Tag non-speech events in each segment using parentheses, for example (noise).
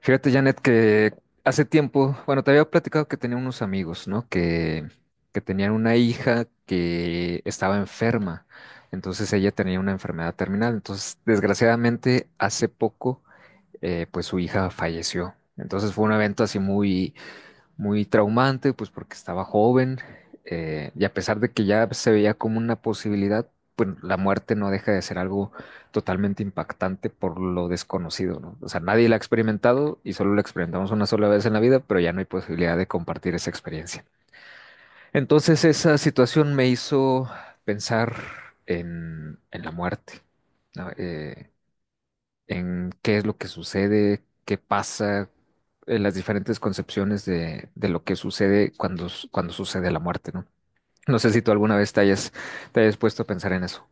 Fíjate, Janet, que hace tiempo, bueno, te había platicado que tenía unos amigos, ¿no? Que tenían una hija que estaba enferma. Entonces ella tenía una enfermedad terminal. Entonces, desgraciadamente, hace poco, pues su hija falleció. Entonces fue un evento así muy, muy traumante, pues porque estaba joven, y a pesar de que ya se veía como una posibilidad, pues la muerte no deja de ser algo totalmente impactante por lo desconocido, ¿no? O sea, nadie la ha experimentado y solo la experimentamos una sola vez en la vida, pero ya no hay posibilidad de compartir esa experiencia. Entonces esa situación me hizo pensar en la muerte, ¿no? En qué es lo que sucede, qué pasa, las diferentes concepciones de lo que sucede cuando, cuando sucede la muerte, ¿no? No sé si tú alguna vez te hayas puesto a pensar en eso.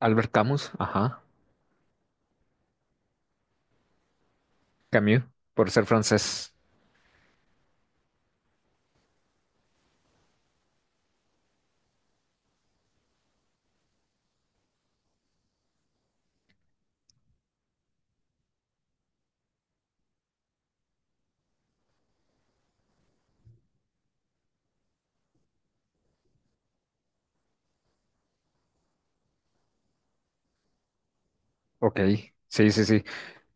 Albert Camus, ajá. Camus, por ser francés. Ok, sí, sí, sí,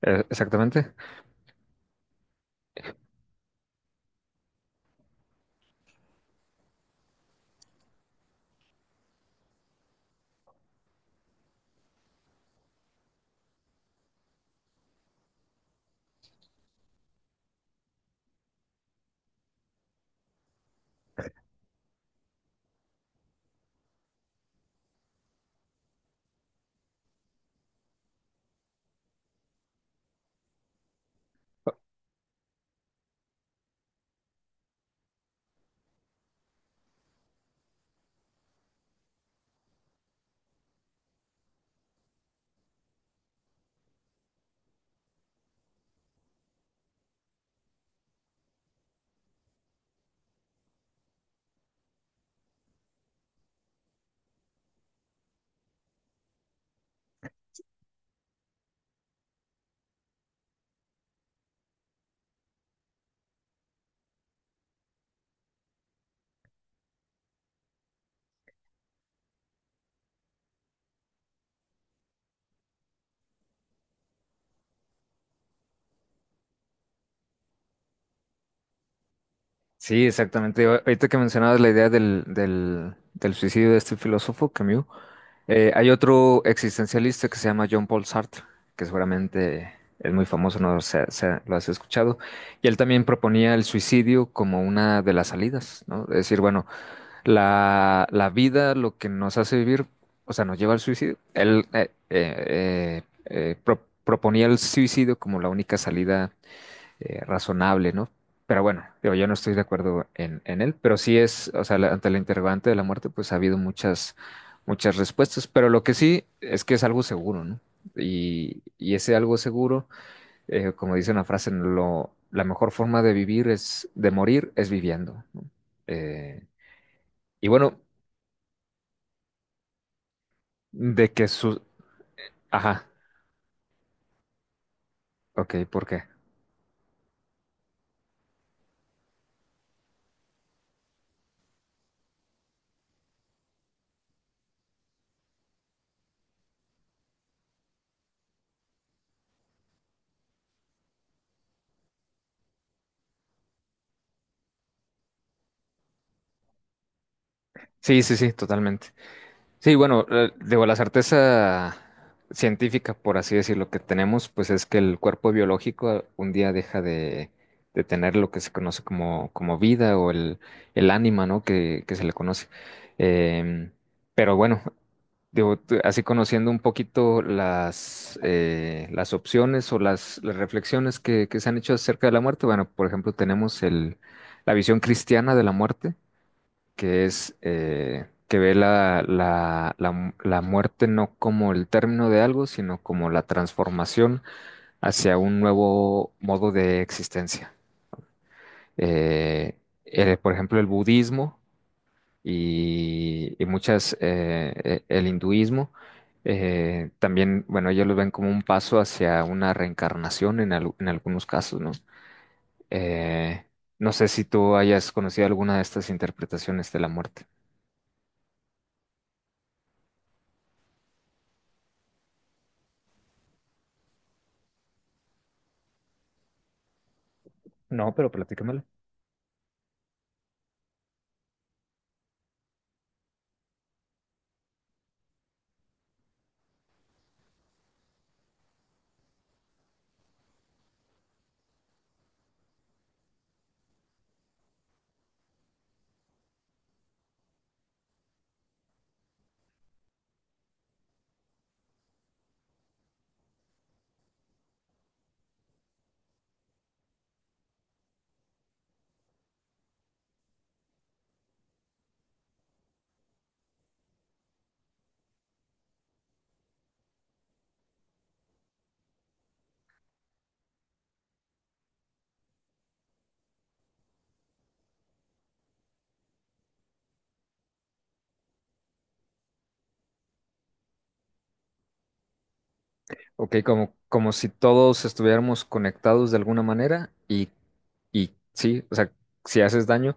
exactamente. Sí, exactamente. Ahorita que mencionabas la idea del suicidio de este filósofo, Camus. Hay otro existencialista que se llama John Paul Sartre, que seguramente es muy famoso, no sé, lo has escuchado, y él también proponía el suicidio como una de las salidas, ¿no? Es decir, bueno, la vida, lo que nos hace vivir, o sea, nos lleva al suicidio. Él proponía el suicidio como la única salida, razonable, ¿no? Pero bueno, digo, yo no estoy de acuerdo en él, pero sí es, o sea, ante la interrogante de la muerte, pues ha habido muchas, muchas respuestas, pero lo que sí es que es algo seguro, ¿no? Y ese algo seguro, como dice una frase, la mejor forma de vivir es, de morir es viviendo, ¿no? Eh, y bueno, de que su... Ajá, ok, ¿por qué? Sí, sí, sí, totalmente. Sí, bueno, digo, la certeza científica, por así decirlo, que tenemos, pues es que el cuerpo biológico un día deja de tener lo que se conoce como vida o el ánima, ¿no? Que se le conoce. Em, pero bueno, digo, así conociendo un poquito las, las opciones o las reflexiones que se han hecho acerca de la muerte, bueno, por ejemplo, tenemos la visión cristiana de la muerte, que es, que ve la muerte no como el término de algo, sino como la transformación hacia un nuevo modo de existencia. Eh, por ejemplo, el budismo y el hinduismo, también, bueno, ellos lo ven como un paso hacia una reencarnación en algunos casos, ¿no? Eh, no sé si tú hayas conocido alguna de estas interpretaciones de la muerte. No, pero platícamela. Ok, como si todos estuviéramos conectados de alguna manera y sí, o sea, si haces daño,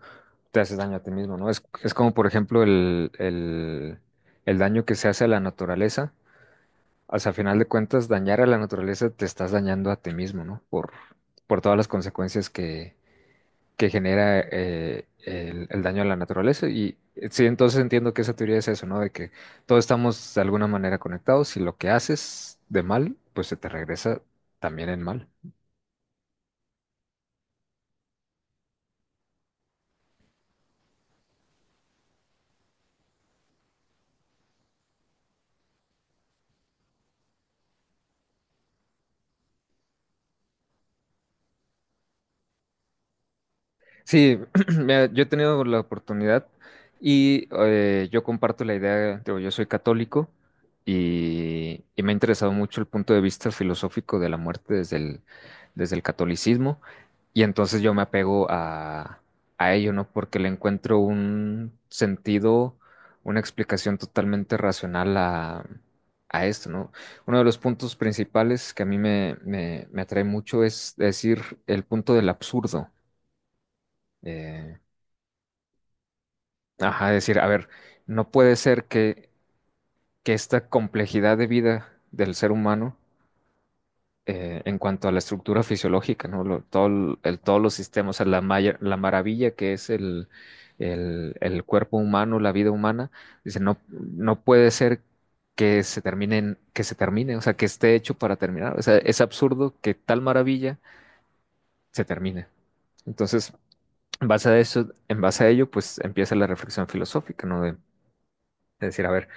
te haces daño a ti mismo, ¿no? Es como, por ejemplo, el daño que se hace a la naturaleza. O sea, a final de cuentas, dañar a la naturaleza te estás dañando a ti mismo, ¿no? Por todas las consecuencias que genera, el daño a la naturaleza. Y, sí, entonces entiendo que esa teoría es eso, ¿no? De que todos estamos de alguna manera conectados y lo que haces de mal, pues se te regresa también en mal. Sí, (clears throat) mira, yo he tenido la oportunidad y, yo comparto la idea, digo, yo soy católico y me ha interesado mucho el punto de vista filosófico de la muerte desde el catolicismo, y entonces yo me apego a ello, ¿no? Porque le encuentro un sentido, una explicación totalmente racional a esto, ¿no? Uno de los puntos principales que a mí me atrae mucho es decir el punto del absurdo. Eh, Ajá, decir, a ver, no puede ser que esta complejidad de vida del ser humano, en cuanto a la estructura fisiológica, ¿no? Todo todos los sistemas, o sea, la maravilla que es el cuerpo humano, la vida humana, dice, no, no puede ser que se termine, que se termine, o sea, que esté hecho para terminar. O sea, es absurdo que tal maravilla se termine. Entonces, en base a eso, en base a ello, pues empieza la reflexión filosófica, ¿no? De decir, a ver,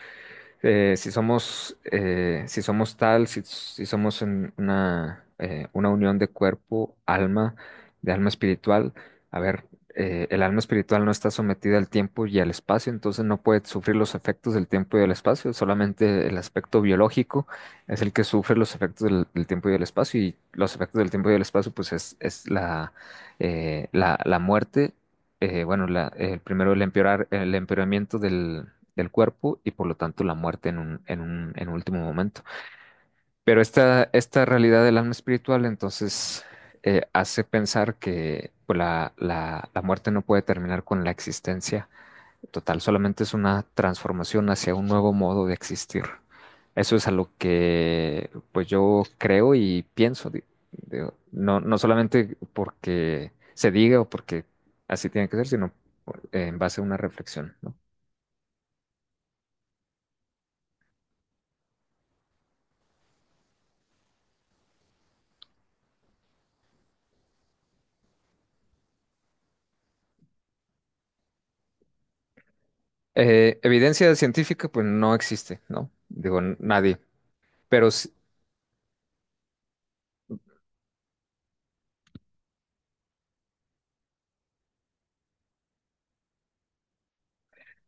si somos, si somos tal, si somos en una, una unión de cuerpo, alma, de alma espiritual. A ver, el alma espiritual no está sometida al tiempo y al espacio, entonces no puede sufrir los efectos del tiempo y del espacio, solamente el aspecto biológico es el que sufre los efectos del tiempo y del espacio, y los efectos del tiempo y del espacio, pues es la muerte. Bueno, el primero el el empeoramiento del cuerpo y por lo tanto la muerte en un, en un último momento. Pero esta realidad del alma espiritual entonces, hace pensar que pues, la muerte no puede terminar con la existencia total, solamente es una transformación hacia un nuevo modo de existir. Eso es a lo que pues yo creo y pienso, digo, no, no solamente porque se diga o porque así tiene que ser, sino en base a una reflexión, ¿no? Evidencia científica, pues no existe, ¿no? Digo, nadie. Pero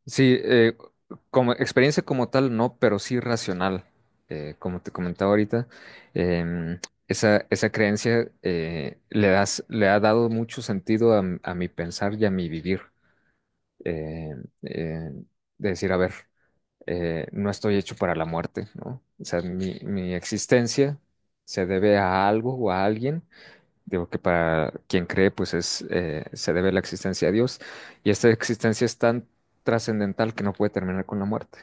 sí, como experiencia como tal, no, pero sí racional. Como te comentaba ahorita, em, esa creencia, le ha dado mucho sentido a mi pensar y a mi vivir. Eh, eh, de decir, a ver, no estoy hecho para la muerte, ¿no? O sea, mi existencia se debe a algo o a alguien. Digo que para quien cree, se debe la existencia a Dios. Y esta existencia es tan trascendental que no puede terminar con la muerte,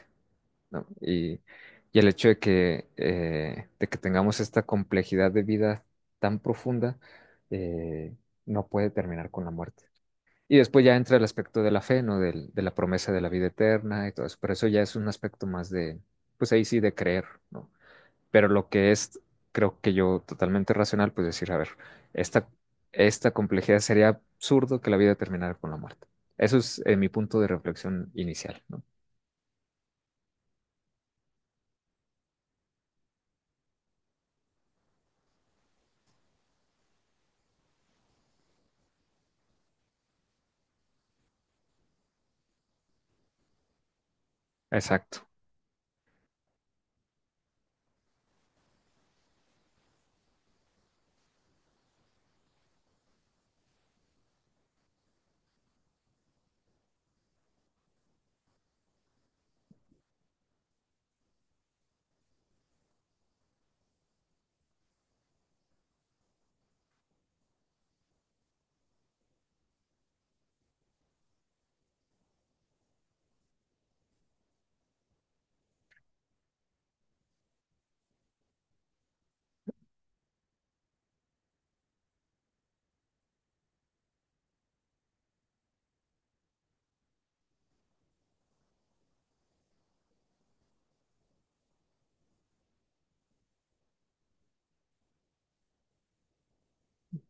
¿no? Y el hecho de que, de que tengamos esta complejidad de vida tan profunda, eh, no puede terminar con la muerte. Y después ya entra el aspecto de la fe, ¿no? De la promesa de la vida eterna y todo eso. Pero eso ya es un aspecto más de, pues ahí sí, de creer, ¿no? Pero lo que es, creo que yo totalmente racional, pues decir, a ver, esta, esta complejidad sería absurdo que la vida terminara con la muerte. Eso es, mi punto de reflexión inicial, ¿no? Exacto.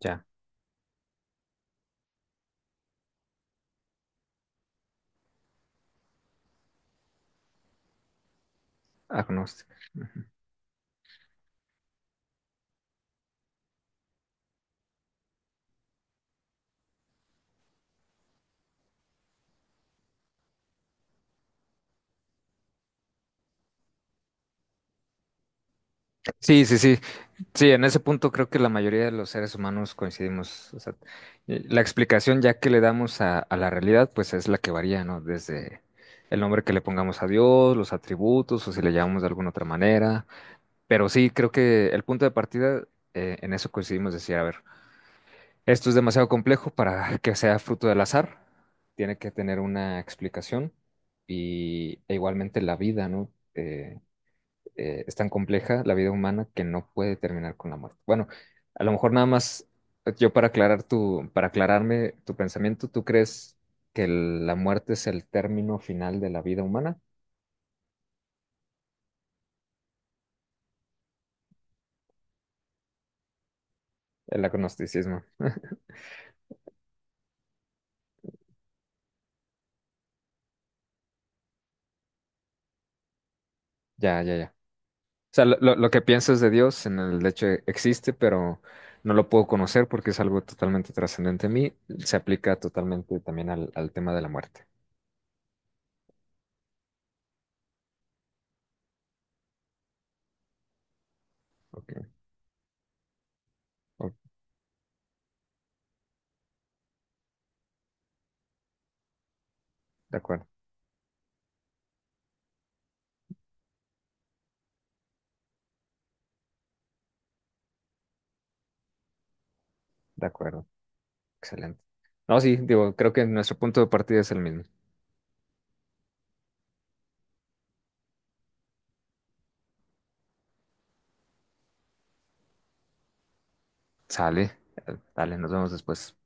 Ya, agnóstico. Ujú. Sí, sí, sí, sí, en ese punto creo que la mayoría de los seres humanos coincidimos. O sea, la explicación ya que le damos a la realidad, pues es la que varía, ¿no? Desde el nombre que le pongamos a Dios, los atributos, o si le llamamos de alguna otra manera. Pero sí, creo que el punto de partida, en eso coincidimos, decir, a ver, esto es demasiado complejo para que sea fruto del azar, tiene que tener una explicación, e igualmente la vida, ¿no? Es tan compleja la vida humana que no puede terminar con la muerte. Bueno, a lo mejor nada más, yo para para aclararme tu pensamiento, ¿tú crees que la muerte es el término final de la vida humana? El agnosticismo. Ya, ya, ya. O sea, lo, lo que piensas de Dios en el hecho existe, pero no lo puedo conocer porque es algo totalmente trascendente a mí. Se aplica totalmente también al tema de la muerte. Ok, ok, de acuerdo, de acuerdo. Excelente. No, sí, digo, creo que nuestro punto de partida es el mismo. Sale, dale, nos vemos después.